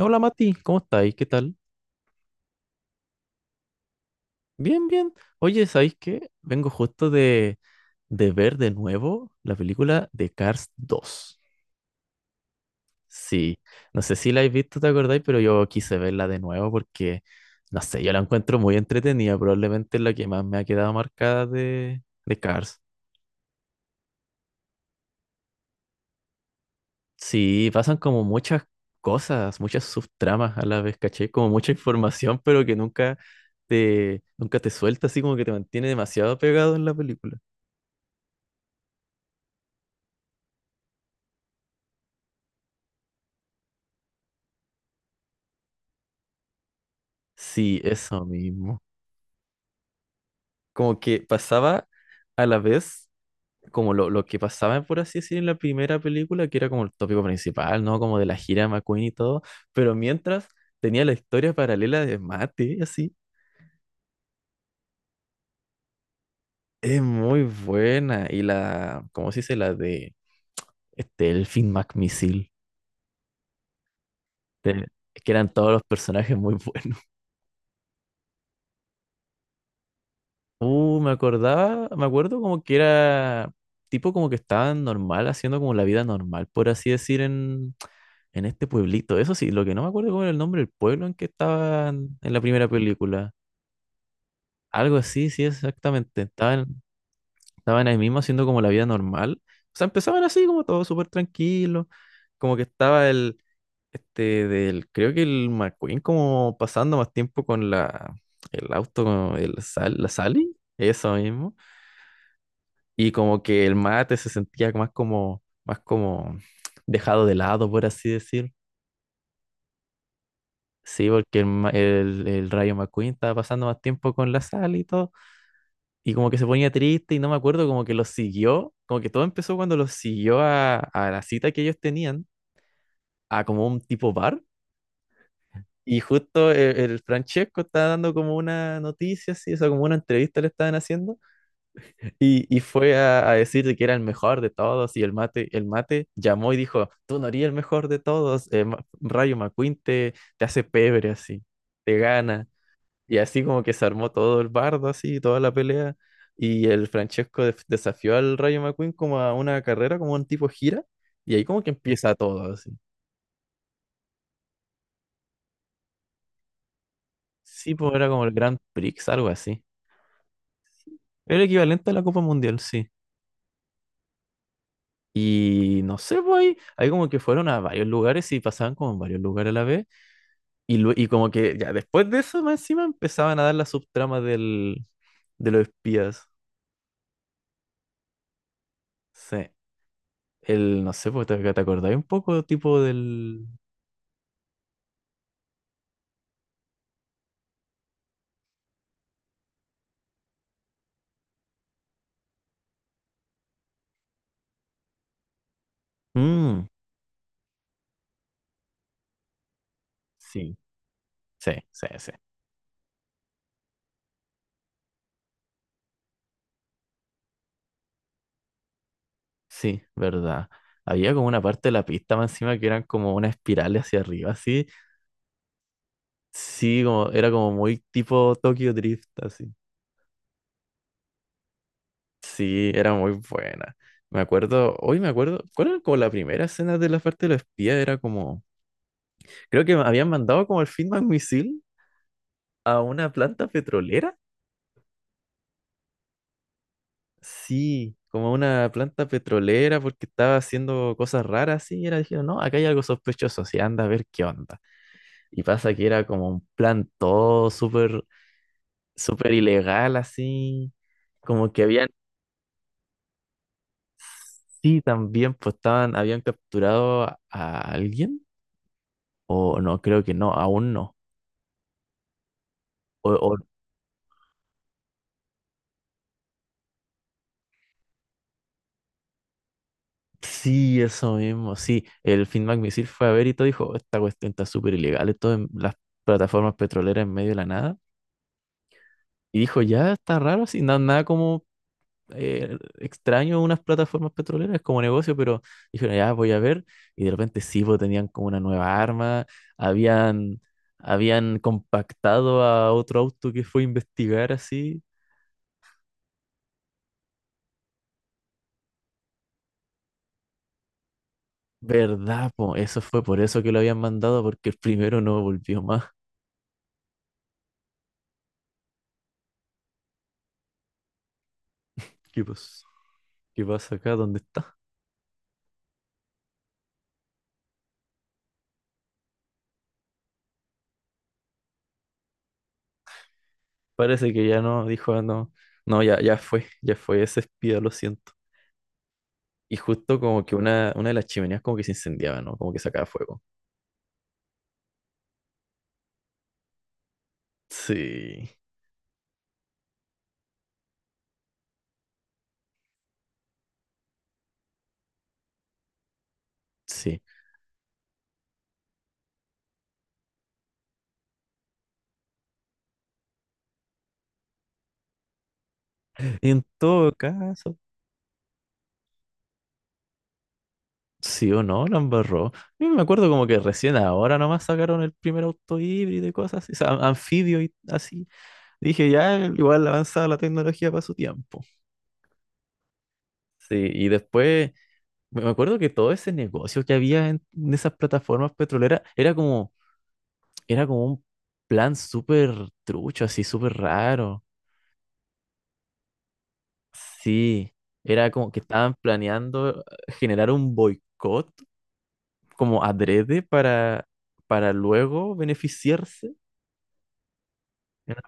Hola Mati, ¿cómo estáis? ¿Qué tal? Bien, bien. Oye, ¿sabéis qué? Vengo justo de ver de nuevo la película de Cars 2. Sí, no sé si la habéis visto, ¿te acordáis? Pero yo quise verla de nuevo porque, no sé, yo la encuentro muy entretenida. Probablemente es la que más me ha quedado marcada de Cars. Sí, pasan como muchas cosas, muchas subtramas a la vez, caché, como mucha información, pero que nunca te suelta, así como que te mantiene demasiado pegado en la película. Sí, eso mismo. Como que pasaba a la vez como lo que pasaba, por así decir, en la primera película, que era como el tópico principal, ¿no? Como de la gira de McQueen y todo, pero mientras tenía la historia paralela de Mate, así, es muy buena. Y la, ¿cómo se dice? La de este, el Finn McMissile, de- que eran todos los personajes muy buenos. Me acordaba, me acuerdo como que era tipo como que estaban normal, haciendo como la vida normal, por así decir, en, este pueblito. Eso sí, lo que no me acuerdo cómo era el nombre del pueblo en que estaban en la primera película. Algo así, sí, exactamente. Estaban ahí mismo haciendo como la vida normal. O sea, empezaban así como todo súper tranquilo, como que estaba creo que el McQueen como pasando más tiempo con la, el auto, el, la Sally, eso mismo. Y como que el mate se sentía más como, dejado de lado, por así decir. Sí, porque el Rayo McQueen estaba pasando más tiempo con la sal y todo. Y como que se ponía triste y no me acuerdo, como que lo siguió. Como que todo empezó cuando lo siguió a la cita que ellos tenían, a como un tipo bar. Y justo el Francesco estaba dando como una noticia, así, o sea, como una entrevista le estaban haciendo. Y fue a decir que era el mejor de todos y el mate llamó y dijo, tú no eres el mejor de todos, Rayo McQueen te hace pebre así, te gana. Y así como que se armó todo el bardo así, toda la pelea. Y el Francesco desafió al Rayo McQueen como a una carrera, como un tipo gira. Y ahí como que empieza todo así. Sí, pues era como el Grand Prix, algo así. Era el equivalente a la Copa Mundial, sí. Y no sé, pues ahí como que fueron a varios lugares y pasaban como en varios lugares a la vez. Y como que ya después de eso, más encima empezaban a dar las subtramas de los espías. Sí. No sé, pues, ¿te acordáis un poco tipo del... Mm, sí, sí, sí, sí. Sí, verdad. Había como una parte de la pista más encima que eran como una espiral hacia arriba, así. Sí, como, era como muy tipo Tokyo Drift, así. Sí, era muy buena. Me acuerdo, hoy me acuerdo, ¿cuál era como la primera escena de la parte de los espías? Era como... Creo que me habían mandado como el Feedback Misil a una planta petrolera. Sí, como a una planta petrolera porque estaba haciendo cosas raras, sí, y era, dijeron, no, acá hay algo sospechoso, sí, anda a ver qué onda. Y pasa que era como un plan todo súper, súper ilegal, así, como que habían, sí, también, pues estaban, habían capturado a alguien, o no, creo que no, aún no. O sí, eso mismo, sí. El Finn McMissile fue a ver y todo dijo, esta cuestión está súper ilegal, esto en las plataformas petroleras en medio de la nada. Y dijo, ya está raro, así, nada como extraño unas plataformas petroleras como negocio, pero dijeron, ya voy a ver. Y de repente sí, pues tenían como una nueva arma, habían, habían compactado a otro auto que fue a investigar así. ¿Verdad, po? Eso fue por eso que lo habían mandado, porque el primero no volvió más. ¿Qué pasa ¿Qué pasa acá? ¿Dónde está? Parece que ya no, dijo, "Ah, no, no, ya, ya fue ese espía, lo siento." Y justo como que una de las chimeneas como que se incendiaba, ¿no? Como que sacaba fuego. Sí, sí. En todo caso, sí o no, la embarró. Yo me acuerdo como que recién ahora nomás sacaron el primer auto híbrido y cosas así, o sea, anfibio y así. Dije, ya, igual avanzada la tecnología para su tiempo. Sí, y después... Me acuerdo que todo ese negocio que había en esas plataformas petroleras Era como un plan súper trucho, así súper raro. Sí, era como que estaban planeando generar un boicot como adrede para, luego beneficiarse. Era-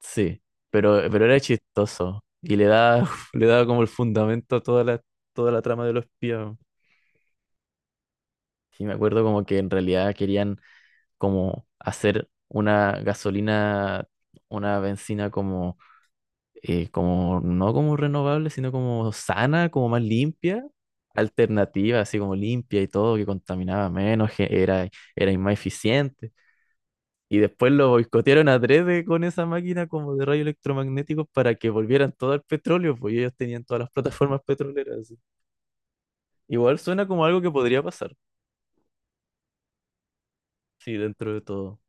Sí, pero era chistoso y le da, le daba como el fundamento a toda la trama de los espías. Sí, me acuerdo como que en realidad querían como hacer una gasolina, una benzina como, no como renovable, sino como sana, como más limpia, alternativa, así como limpia y todo, que contaminaba menos, que era más eficiente. Y después lo boicotearon a tres con esa máquina como de rayos electromagnéticos para que volvieran todo al petróleo, pues ellos tenían todas las plataformas petroleras, así. Igual suena como algo que podría pasar, sí, dentro de todo.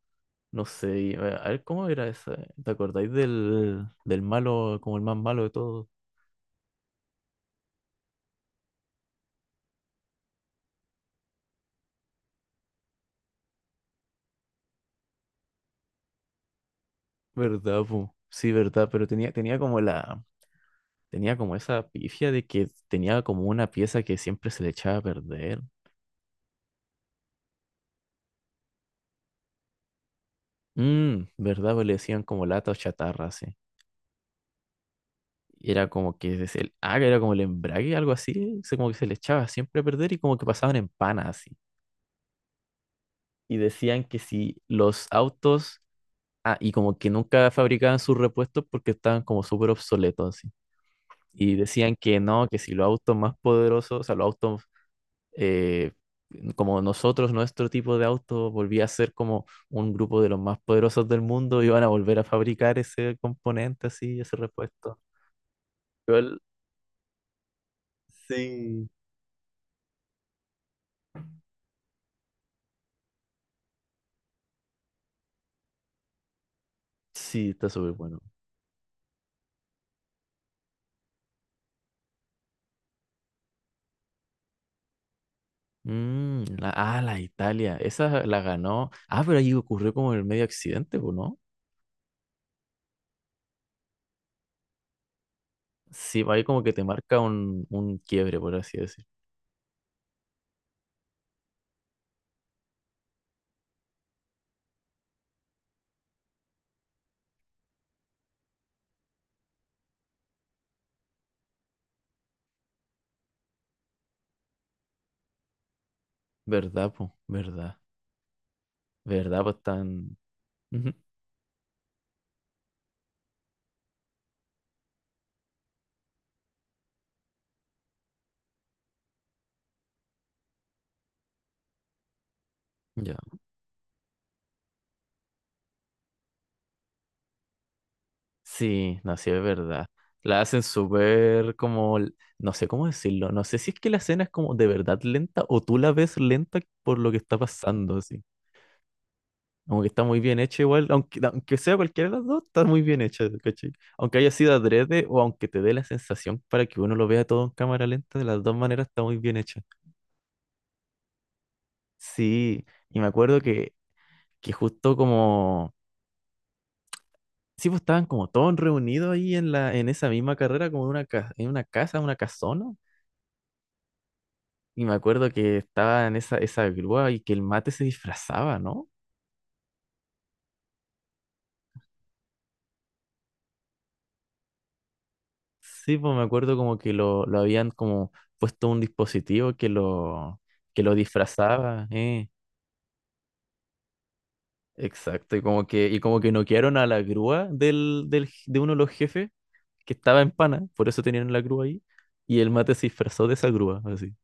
No sé, y, a ver, ¿cómo era esa? ¿Te acordáis del malo, como el más malo de todos? ¿Verdad, po? Sí, verdad, pero tenía Tenía como esa pifia de que tenía como una pieza que siempre se le echaba a perder. Mmm, ¿verdad? Pues le decían como lata o chatarra, así. Y era como que era como el embrague, algo así, como que se le echaba siempre a perder y como que pasaban en pana, así. Y decían que si los autos, y como que nunca fabricaban sus repuestos porque estaban como súper obsoletos, así. Y decían que no, que si los autos más poderosos, o sea, los autos eh, como nosotros, nuestro tipo de auto volvía a ser como un grupo de los más poderosos del mundo, iban a volver a fabricar ese componente así, ese repuesto. Igual, sí. Sí, está súper bueno. Mm, la Italia, esa la ganó. Ah, pero ahí ocurrió como el medio accidente, pues ¿no? Sí, ahí como que te marca un quiebre, por así decir. ¿Verdad, po? ¿Verdad? ¿Verdad, pues tan... Ujú. Ya. Sí, no, sí, es verdad. La hacen súper como, no sé cómo decirlo, no sé si es que la escena es como de verdad lenta o tú la ves lenta por lo que está pasando, así. Como que está muy bien hecha igual, aunque sea cualquiera de las dos, está muy bien hecha, ¿cachai? Aunque haya sido adrede o aunque te dé la sensación para que uno lo vea todo en cámara lenta, de las dos maneras está muy bien hecha. Sí, y me acuerdo que, justo como... Sí, pues estaban como todos reunidos ahí en la, en esa misma carrera, como en una, en una casa, una casona. Y me acuerdo que estaba en esa grúa y que el mate se disfrazaba, ¿no? Sí, pues me acuerdo como que lo habían como puesto un dispositivo que lo disfrazaba. Exacto, y como que noquearon a la grúa de uno de los jefes que estaba en pana, por eso tenían la grúa ahí, y el mate se disfrazó de esa grúa, así.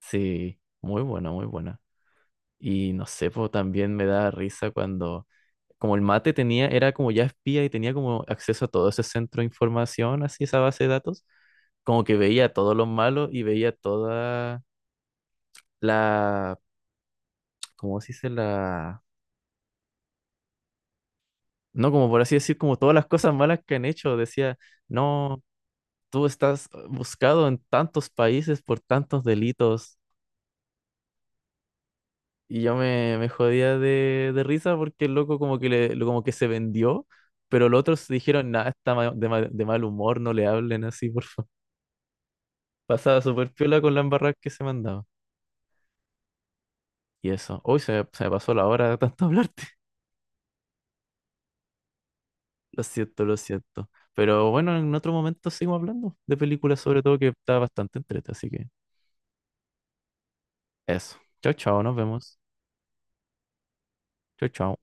Sí, muy buena, muy buena. Y no sé, pues también me da risa cuando, como el mate tenía, era como ya espía y tenía como acceso a todo ese centro de información, así esa base de datos, como que veía todo lo malo y veía toda la, ¿cómo se dice? La, no, como por así decir, como todas las cosas malas que han hecho. Decía, no, tú estás buscado en tantos países por tantos delitos. Y yo me jodía de risa porque el loco como que, como que se vendió, pero los otros dijeron, nada, está de mal humor, no le hablen así, por favor. Pasaba súper piola con la embarrada que se mandaba. Y eso, hoy se me pasó la hora de tanto hablarte. Lo siento, lo siento. Pero bueno, en otro momento seguimos hablando de películas sobre todo que está bastante entrete, así que eso. Chao, chao, nos vemos. Chao, chao.